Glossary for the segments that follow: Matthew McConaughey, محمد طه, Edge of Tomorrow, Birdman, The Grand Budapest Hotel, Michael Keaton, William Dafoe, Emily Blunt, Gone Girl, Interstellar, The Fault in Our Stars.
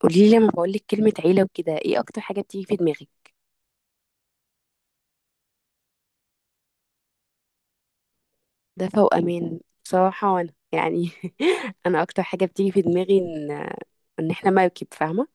قولي لي لما بقول لك كلمة عيلة وكده ايه اكتر حاجة بتيجي في دماغك؟ دفى وامان، بصراحة. وانا يعني انا اكتر حاجة بتيجي في دماغي ان احنا مركب، فاهمة؟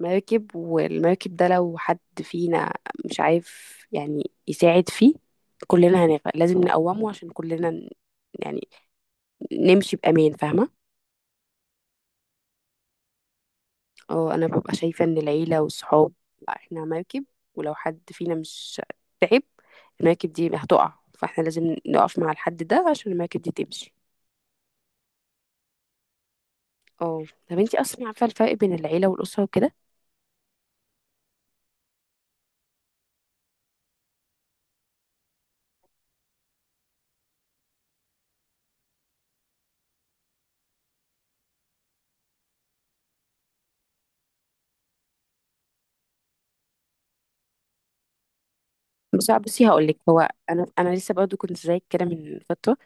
مركب، والمركب ده لو حد فينا مش عارف يعني يساعد فيه كلنا هنغرق. لازم نقومه عشان كلنا يعني نمشي بأمان، فاهمة؟ اه، انا ببقى شايفة ان العيلة والصحاب، لا، احنا مركب، ولو حد فينا مش تعب المركب دي هتقع، فاحنا لازم نقف مع الحد ده عشان المركب دي تمشي. اه. طب انتي اصلا عارفة الفرق بين العيلة والأسرة وكده؟ بس بصي هقولك، هو انا لسه برضو كنت زيك كده من فترة.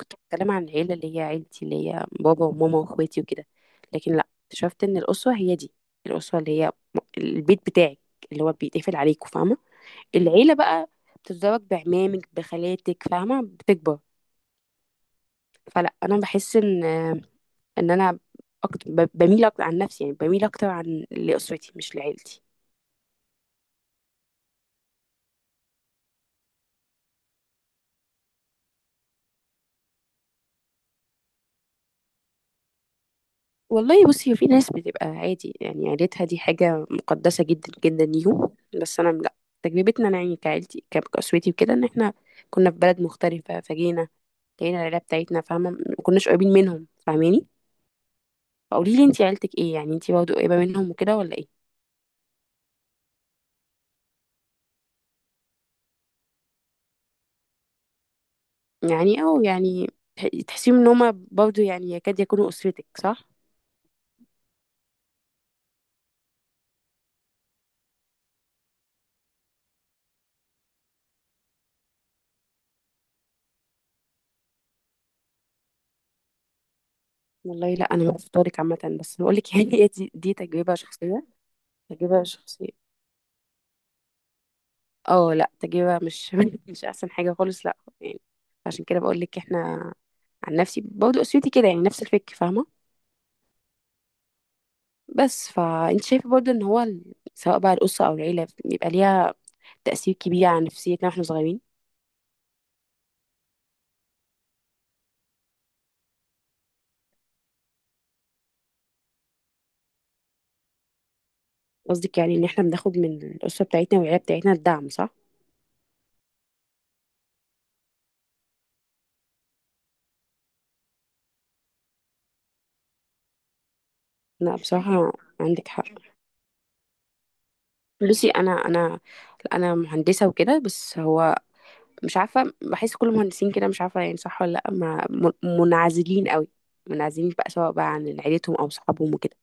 كنت بتكلم عن العيلة اللي هي عيلتي، اللي هي بابا وماما واخواتي وكده. لكن لا، اكتشفت ان الأسرة هي دي. الأسرة اللي هي البيت بتاعك، اللي هو بيتقفل عليكوا، فاهمة؟ العيلة بقى بتتزوج بعمامك بخالاتك، فاهمة، بتكبر. فلا، أنا بحس إن أنا أكتر، بميل أكتر عن نفسي، يعني بميل أكتر عن لأسرتي مش لعيلتي. والله بصي، في ناس بتبقى عادي يعني عيلتها دي حاجة مقدسة جدا جدا ليهم، بس أنا لا. تجربتنا أنا يعني كعيلتي كأسرتي وكده، إن إحنا كنا في بلد مختلفة، فجينا لقينا العيلة بتاعتنا، فاهمة. مكناش قريبين منهم، فاهماني؟ فقولي لي انتي، عيلتك ايه يعني؟ انتي برضه قريبة منهم وكده ولا ايه؟ يعني أو يعني تحسيهم إن هما برضه يعني يكاد يكونوا أسرتك، صح؟ والله لا، أنا مش فطارك عامة، بس بقول لك يعني هي دي، دي تجربة شخصية. تجربة شخصية. اه لا، تجربة مش مش أحسن حاجة خالص، لا يعني. عشان كده بقول لك، احنا عن نفسي برضه أسرتي كده يعني نفس الفكر، فاهمة؟ بس فأنت شايفة برضه إن هو سواء بقى الأسرة أو العيلة بيبقى ليها تأثير كبير على نفسيتنا واحنا صغيرين. قصدك يعني إن احنا بناخد من الأسرة بتاعتنا والعيلة بتاعتنا الدعم، صح؟ لا بصراحة، عندك حق. بصي، انا انا مهندسه وكده، بس هو مش عارفه، بحس كل المهندسين كده، مش عارفه يعني صح ولا لا. ما م- منعزلين قوي، منعزلين بقى سواء بقى عن عيلتهم او صحابهم وكده.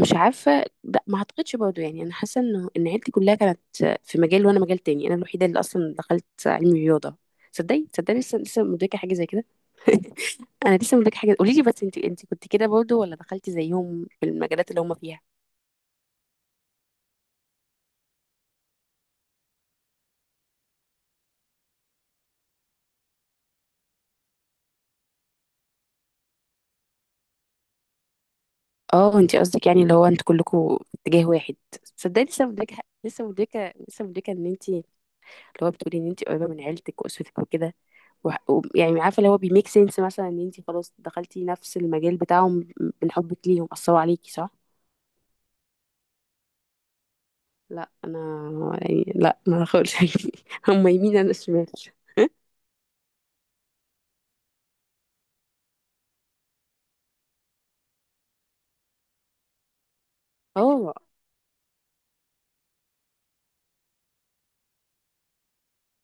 مش عارفه، لا ما اعتقدش برضه، يعني انا حاسه انه ان عيلتي كلها كانت في مجال، وانا مجال تاني، انا الوحيده اللي اصلا دخلت علم رياضه. تصدقي لسه مدركه حاجه زي كده. انا لسه مدركه حاجه. قولي لي بس، انت كنت كده برضه ولا دخلتي زيهم في المجالات اللي هم فيها؟ اه، انت قصدك يعني اللي هو انت كلكم في اتجاه واحد. صدقني لسه مدركه، لسه مدركه ان انت اللي هو بتقولي ان انت قريبه من عيلتك واسرتك وكده يعني عارفه اللي هو بيميك سنس، مثلا ان انت خلاص دخلتي نفس المجال بتاعهم من حبك ليهم، اثروا عليكي، صح؟ لا انا يعني لا، ما خالص. هم يمين انا شمال. اه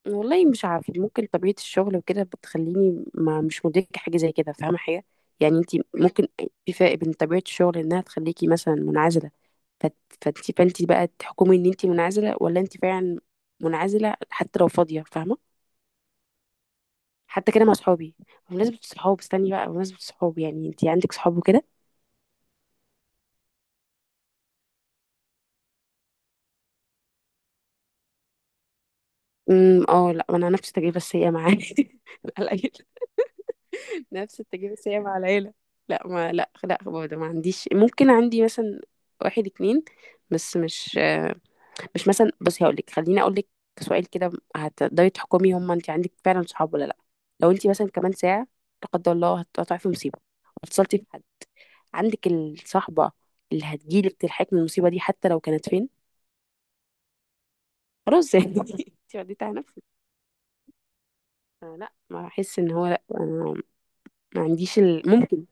والله مش عارفة، ممكن طبيعة الشغل وكده بتخليني ما مش مدركة حاجة زي كده، فاهمة حاجة؟ يعني انت ممكن، في فرق بين طبيعة الشغل انها تخليكي مثلا منعزلة، فت- فانت بقى تحكمي ان انت منعزلة ولا انت فعلا منعزلة حتى لو فاضية، فاهمة؟ حتى كده مع صحابي. بمناسبة الصحاب، استني بقى، بمناسبة الصحاب يعني، انت عندك صحاب وكده؟ امم، اه لا انا نفس التجربة السيئة معايا. لا لا، نفس التجربة بس هي مع العيلة. لا ما لا برضه ما عنديش، ممكن عندي مثلا واحد اتنين، بس مش مش مثلا. بصي هقول لك، خليني اقول لك سؤال كده، هتقدري تحكمي هم انت عندك فعلا صحاب ولا لا. لو انت مثلا كمان ساعة، لا قدر الله، هتقطعي في مصيبة واتصلتي بحد، عندك الصحبة اللي هتجيلك تلحقك من المصيبة دي حتى لو كانت فين؟ خلاص يعني، انت رديتي على نفسك. لا ما احس ان هو لا، أنا ما عنديش ممكن.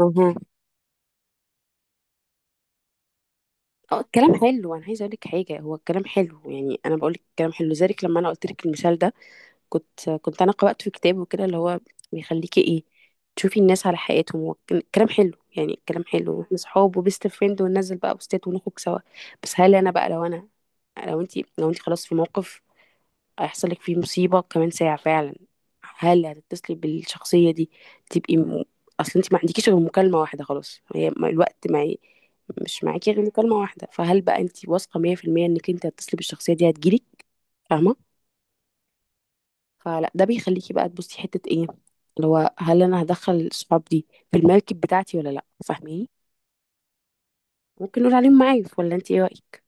أها. اه، الكلام حلو، انا عايزه اقول لك حاجه، هو الكلام حلو يعني، انا بقول لك الكلام حلو. لذلك لما انا قلت لك المثال ده، كنت انا قرات في كتاب وكده، اللي هو بيخليكي ايه، تشوفي الناس على حقيقتهم. هو الكلام حلو يعني، الكلام حلو واحنا صحاب وبيست فريند وننزل بقى بوستات ونخرج سوا، بس هل انا بقى لو انا، لو انت، لو انت خلاص في موقف هيحصل لك فيه مصيبة كمان ساعة فعلا، هل هتتصلي بالشخصية دي؟ تبقي اصل انت ما عندكيش غير مكالمة واحدة، خلاص، هي الوقت معي، مش معاكي غير مكالمة واحدة. فهل بقى انت واثقة 100% انك انت هتتصلي بالشخصية دي هتجيلك، فاهمة؟ فلا، ده بيخليكي بقى تبصي حتة ايه، اللي هو هل انا هدخل الصحاب دي في المركب بتاعتي ولا لا، فاهميني؟ ممكن نقول عليهم معايف، ولا انت ايه رأيك؟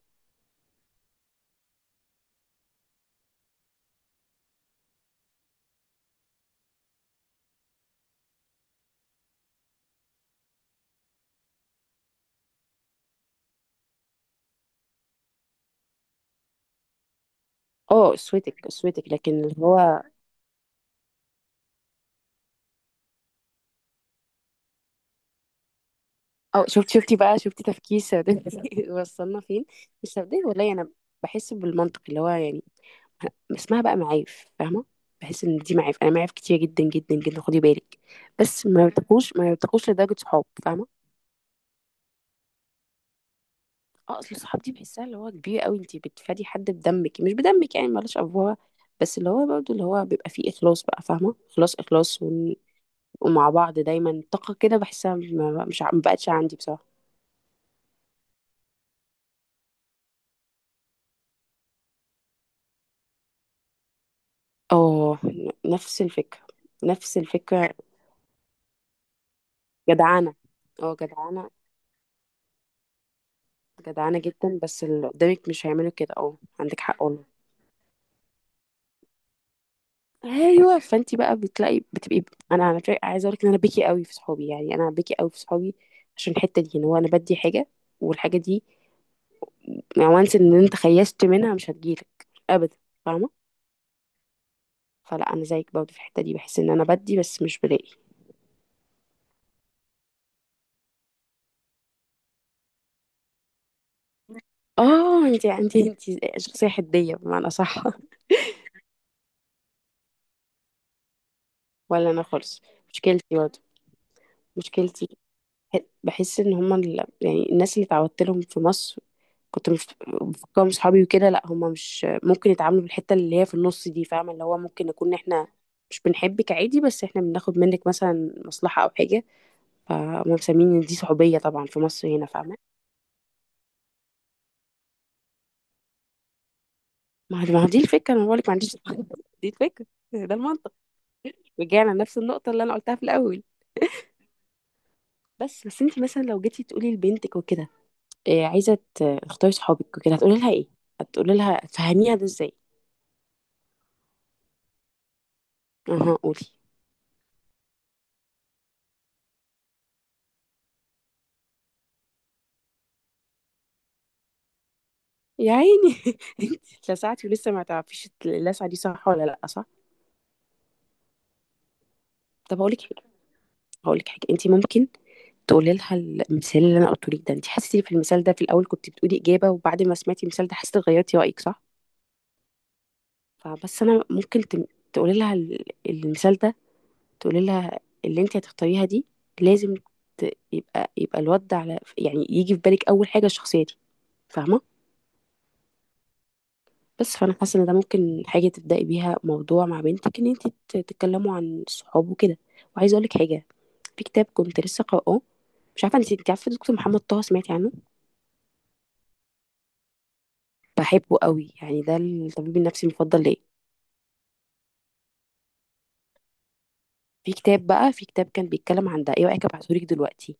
اه، اسوتك، اسوتك لكن اللي هو. اه شفتي تفكير سوداوي. وصلنا فين! السوداوي. والله انا بحس بالمنطق اللي هو يعني، اسمها بقى معايف، فاهمه. بحس ان دي معايف، انا معايف كتير جدا جدا جدا، خدي بالك، بس ما يرتقوش لدرجه صحاب، فاهمه. اه، اصل الصحاب دي بحسها اللي هو كبير قوي، انت بتفادي حد بدمك مش بدمك يعني، مالوش افواه. بس اللي هو برضه اللي هو بيبقى فيه اخلاص بقى، فاهمه، اخلاص ومع بعض دايما طاقه كده، بحسها ما- مش ع- ما بقتش عندي بصراحه. اه، نفس الفكره، نفس الفكرة. جدعانة، اه جدعانة، جدعانة جدا، بس اللي قدامك مش هيعملوا كده، اه عندك حق والله. ايوه، فانت بقى بتلاقي بتبقي. انا على فكره عايزه اقول لك ان انا بكي قوي في صحابي، يعني انا بكي قوي في صحابي عشان الحته دي، ان هو انا بدي حاجه، والحاجه دي وانس ان انت خيشت منها مش هتجيلك ابدا، فاهمه. فلا انا زيك برضه في الحته دي، بحس ان انا بدي بس مش بلاقي. اه انت انت شخصيه حديه بمعنى، صح. ولا انا خالص، مشكلتي برضه، مشكلتي، بحس ان هما يعني الناس اللي اتعودت لهم في مصر، كنت مفكرهم صحابي وكده، لا هما مش ممكن يتعاملوا بالحته اللي هي في النص دي، فاهمه، اللي هو ممكن نكون احنا مش بنحبك عادي، بس احنا بناخد منك مثلا مصلحه او حاجه، فهم مسمين ان دي صحوبيه طبعا في مصر هنا، فاهمه. ما هو دي الفكره، انا بقولك ما عنديش. دي الفكره، ده المنطق، رجعنا لنفس النقطه اللي انا قلتها في الاول. بس انت مثلا لو جيتي تقولي لبنتك وكده، إيه، عايزه تختاري صحابك وكده، هتقولي لها ايه؟ هتقولي لها تفهميها ده ازاي؟ اها، قولي. يا عيني، انت اتلسعتي ولسه ما تعرفيش اللسعه دي صح ولا لا، صح. طب هقول لك حاجه، انت ممكن تقولي لها المثال اللي انا قلته لك ده. انت حسيتي في المثال ده، في الاول كنت بتقولي اجابه، وبعد ما سمعتي المثال ده حسيتي غيرتي رايك، صح؟ فبس انا ممكن تقولي لها المثال ده، تقولي لها اللي انت هتختاريها دي لازم يبقى الواد ده على يعني، يجي في بالك اول حاجه الشخصيه دي، فاهمه. بس فانا حاسه ان ده ممكن حاجه تبداي بيها موضوع مع بنتك، ان انت تتكلموا عن الصحاب وكده. وعايزه اقول لك حاجه، في كتاب كنت لسه قراه، مش عارفه انت، عارفه دكتور محمد طه؟ سمعتي عنه؟ بحبه قوي يعني، ده الطبيب النفسي المفضل ليا. في كتاب بقى، في كتاب كان بيتكلم عن ده، ايه رايك ابعتهولك دلوقتي؟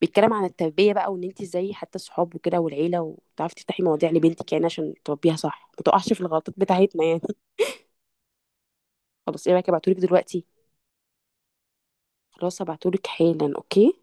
بيتكلم عن التربيه بقى، وان انت ازاي حتى الصحاب وكده والعيله، وتعرفي تفتحي مواضيع لبنتك يعني عشان تربيها صح، ما تقعش في الغلطات بتاعتنا يعني. خلاص، ايه رايك ابعتهولك دلوقتي؟ خلاص هبعتهولك حالا، اوكي.